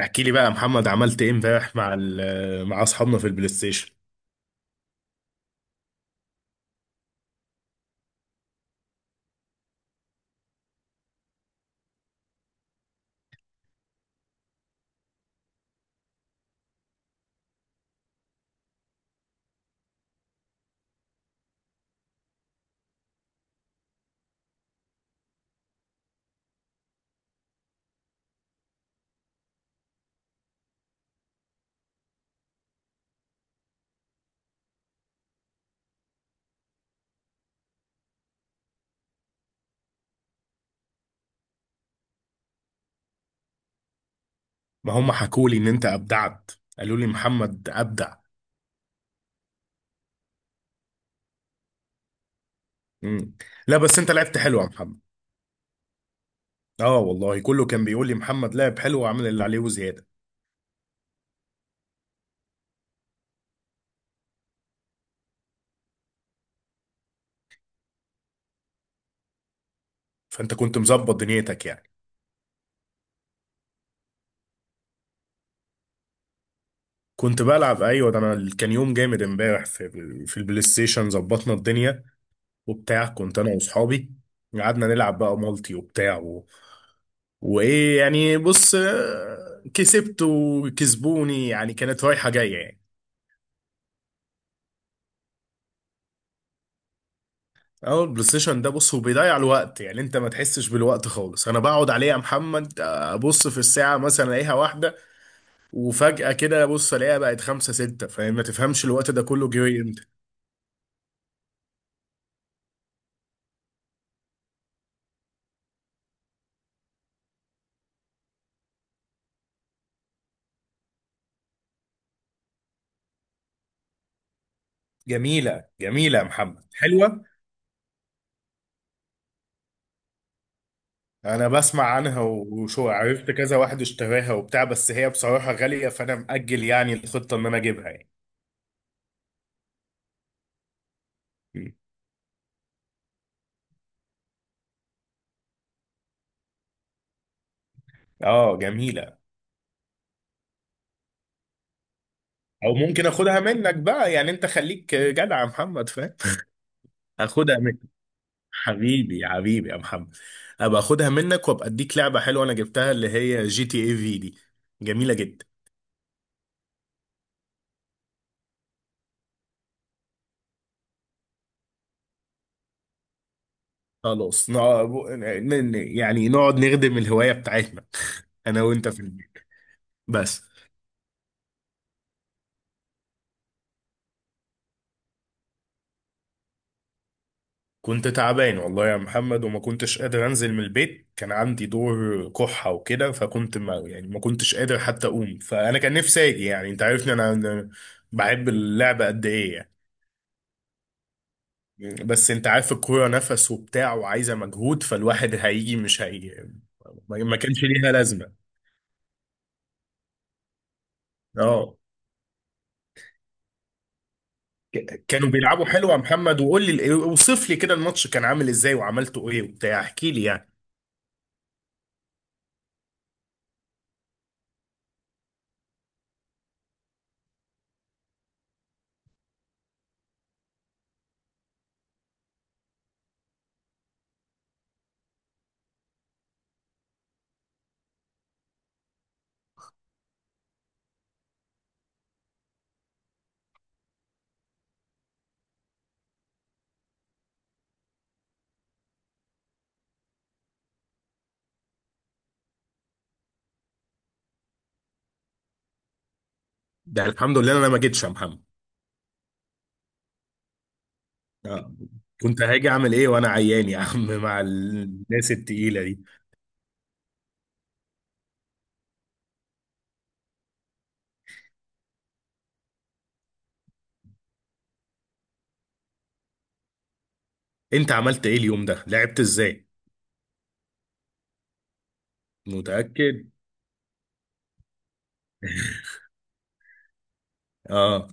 احكي لي بقى يا محمد، عملت ايه امبارح مع مع اصحابنا في البلاي ستيشن؟ ما هم حكوا لي ان انت ابدعت، قالوا لي محمد ابدع. مم. لا بس انت لعبت حلو يا محمد. اه والله كله كان بيقول لي محمد لعب حلو وعمل اللي عليه وزياده. فانت كنت مظبط دنيتك يعني. كنت بلعب ايوه، ده انا كان يوم جامد امبارح في في البلاي ستيشن، ظبطنا الدنيا وبتاع. كنت انا واصحابي قعدنا نلعب بقى مالتي وبتاع وايه يعني. بص كسبت وكسبوني يعني، كانت رايحه جايه يعني. اول بلاي ستيشن ده بص هو بيضيع الوقت، يعني انت ما تحسش بالوقت خالص. انا بقعد عليه يا محمد ابص في الساعه مثلا الاقيها واحده، وفجاه كده ابص الاقيها بقت خمسة ستة، فاهم؟ ما تفهمش الوقت ده كله جه امتى. جميله جميله يا محمد، حلوه. انا بسمع عنها وشو، عرفت كذا واحد اشتراها وبتاع، بس هي بصراحه غاليه، فانا مأجل يعني الخطه ان انا اجيبها يعني. م. اه جميله. او ممكن اخدها منك بقى يعني، انت خليك جدع يا محمد، فاهم؟ اخدها. حبيبي حبيبي يا محمد، ابقى اخدها منك وابقى اديك لعبه حلوه انا جبتها اللي هي جي تي اي في دي، جميله جدا. خلاص يعني نقعد نخدم الهوايه بتاعتنا، انا وانت في البيت. بس كنت تعبان والله يا محمد، وما كنتش قادر انزل من البيت، كان عندي دور كحة وكده، فكنت ما يعني ما كنتش قادر حتى اقوم. فانا كان نفسي اجي يعني، انت عارفني انا أنا بحب اللعبة قد ايه يعني. بس انت عارف الكورة نفس وبتاع وعايزة مجهود، فالواحد هيجي مش هي، ما كانش ليها لازمة. اه، كانوا بيلعبوا حلو يا محمد. وقول لي اوصف لي كده الماتش كان عامل ازاي وعملته ايه وبتاع، احكي لي يعني. ده الحمد لله انا ما جيتش يا محمد. اه، كنت هاجي اعمل ايه وانا عيان يا عم؟ مع الناس التقيلة دي. انت عملت ايه اليوم ده، لعبت ازاي؟ متأكد؟ اه،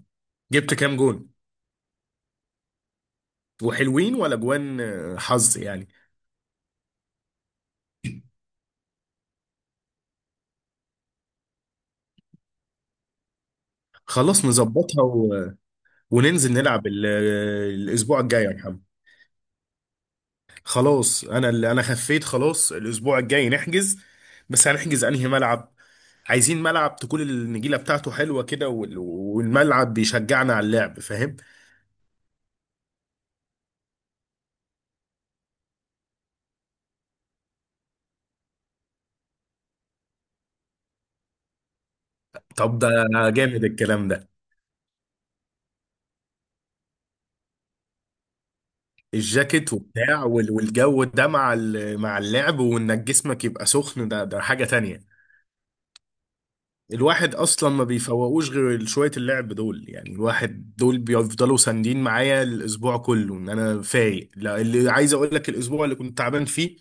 جبت كام جون؟ وحلوين ولا جوان حظ يعني؟ خلاص نظبطها وننزل نلعب الاسبوع الجاي يا محمد. خلاص انا اللي انا خفيت، خلاص الاسبوع الجاي نحجز. بس هنحجز انهي ملعب؟ عايزين ملعب تكون النجيله بتاعته حلوه كده، والملعب بيشجعنا على اللعب، فاهم؟ طب ده جامد الكلام ده. الجاكيت وبتاع والجو ده مع مع اللعب، وانك جسمك يبقى سخن، ده ده حاجه تانية. الواحد اصلا ما بيفوقوش غير شويه اللعب دول، يعني الواحد دول بيفضلوا ساندين معايا الاسبوع كله ان انا فايق. لا، اللي عايز اقول لك، الاسبوع اللي كنت تعبان فيه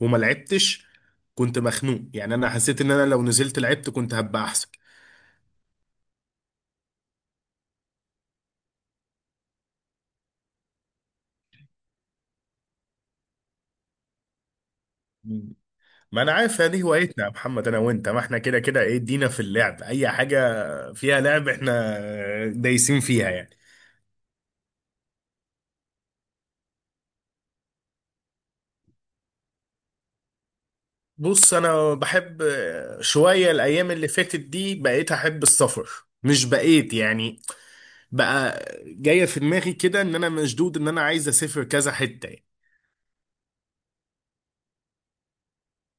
وما لعبتش كنت مخنوق، يعني انا حسيت ان انا لو نزلت لعبت كنت هبقى احسن. مم. ما انا عارف دي هوايتنا يا محمد انا وانت. ما احنا كده كده ايه، ادينا في اللعب، اي حاجه فيها لعب احنا دايسين فيها يعني. بص انا بحب شويه، الايام اللي فاتت دي بقيت احب السفر. مش بقيت يعني، بقى جايه في دماغي كده ان انا مشدود ان انا عايز اسافر كذا حته يعني.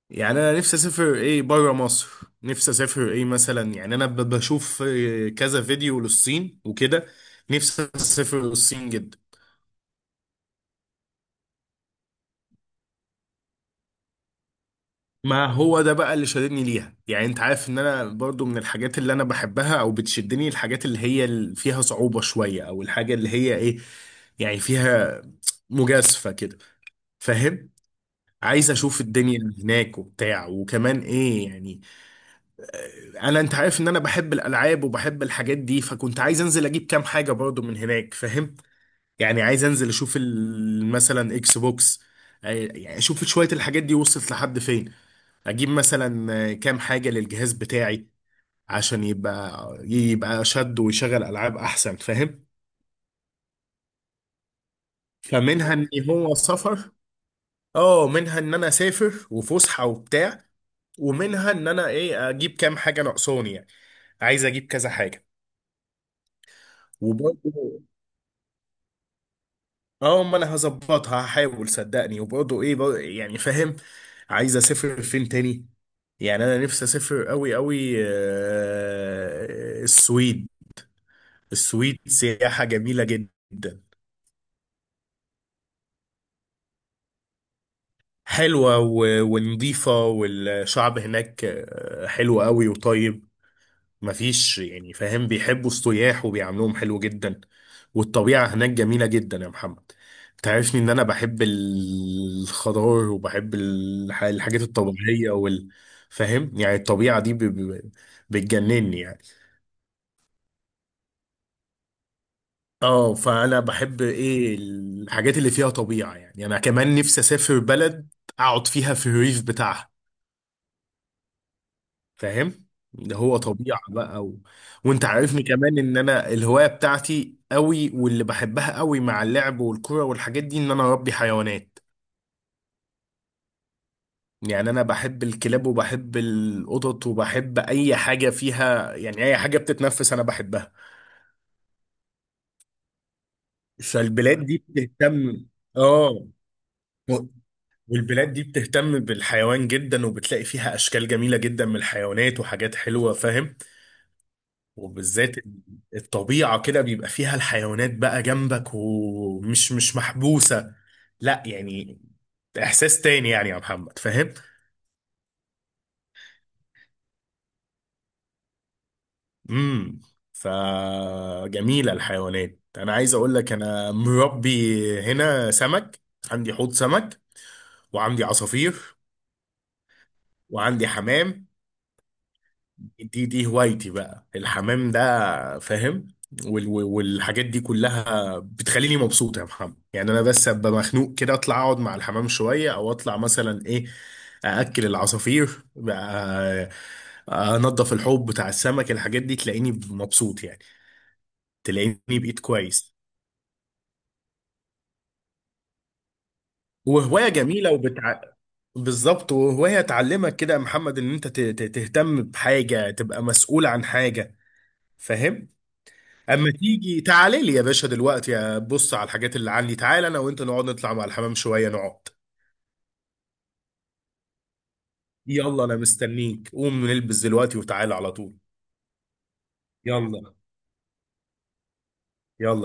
يعني انا نفسي اسافر ايه بره مصر. نفسي اسافر ايه مثلا، يعني انا بشوف كذا فيديو للصين وكده، نفسي اسافر للصين جدا. ما هو ده بقى اللي شددني ليها، يعني انت عارف ان انا برضو من الحاجات اللي انا بحبها او بتشدني الحاجات اللي هي فيها صعوبة شوية، او الحاجة اللي هي ايه يعني فيها مجازفة كده، فاهم؟ عايز اشوف الدنيا اللي هناك وبتاع. وكمان ايه يعني، انا انت عارف ان انا بحب الالعاب وبحب الحاجات دي، فكنت عايز انزل اجيب كام حاجه برضو من هناك، فاهم؟ يعني عايز انزل اشوف مثلا اكس بوكس، يعني اشوف شويه الحاجات دي وصلت لحد فين. اجيب مثلا كام حاجه للجهاز بتاعي عشان يبقى يبقى شد ويشغل العاب احسن، فاهم؟ فمنها ان هو سفر، اه، منها ان انا اسافر وفسحه وبتاع، ومنها ان انا ايه اجيب كام حاجه ناقصاني يعني. عايز اجيب كذا حاجه وبرضه. اه ما انا هظبطها هحاول صدقني. وبرضه ايه برضه يعني، فاهم؟ عايز اسافر فين تاني؟ يعني انا نفسي اسافر قوي قوي السويد. السويد سياحة جميلة جدا، حلوة ونضيفة، والشعب هناك حلو قوي وطيب، مفيش يعني فاهم، بيحبوا السياح وبيعاملوهم حلو جدا. والطبيعة هناك جميلة جدا يا محمد. تعرفني ان انا بحب الخضار وبحب الحاجات الطبيعية وال، فاهم يعني؟ الطبيعة دي بتجنني يعني. اه، فانا بحب ايه الحاجات اللي فيها طبيعة. يعني انا كمان نفسي اسافر بلد اقعد فيها في الريف بتاعها، فاهم؟ ده هو طبيعة بقى وانت عارفني كمان ان انا الهواية بتاعتي قوي واللي بحبها قوي مع اللعب والكرة والحاجات دي، ان انا اربي حيوانات. يعني انا بحب الكلاب وبحب القطط وبحب اي حاجة فيها يعني، اي حاجة بتتنفس انا بحبها. فالبلاد دي بتهتم، اه، و- والبلاد دي بتهتم بالحيوان جدا، وبتلاقي فيها اشكال جميلة جدا من الحيوانات وحاجات حلوة، فاهم؟ وبالذات الطبيعة كده بيبقى فيها الحيوانات بقى جنبك، ومش مش محبوسة، لا يعني. إحساس تاني يعني يا محمد، فاهم؟ امم، فجميلة الحيوانات. أنا عايز أقول لك، أنا مربي هنا سمك، عندي حوض سمك، وعندي عصافير، وعندي حمام. دي هوايتي بقى الحمام ده، فاهم؟ والحاجات دي كلها بتخليني مبسوط يا محمد. يعني انا بس ابقى مخنوق كده اطلع اقعد مع الحمام شويه، او اطلع مثلا ايه ااكل العصافير بقى، انضف الحوض بتاع السمك، الحاجات دي تلاقيني مبسوط يعني، تلاقيني بقيت كويس. وهوايه جميله بالظبط. وهوايه تعلمك كده يا محمد ان انت تهتم بحاجه، تبقى مسؤول عن حاجه، فاهم؟ اما تيجي تعالي لي يا باشا دلوقتي، بص على الحاجات اللي عندي. تعالى انا وانت نقعد نطلع مع الحمام شويه، نقعد. يلا انا مستنيك، قوم نلبس دلوقتي وتعالى على طول. يلا يلا.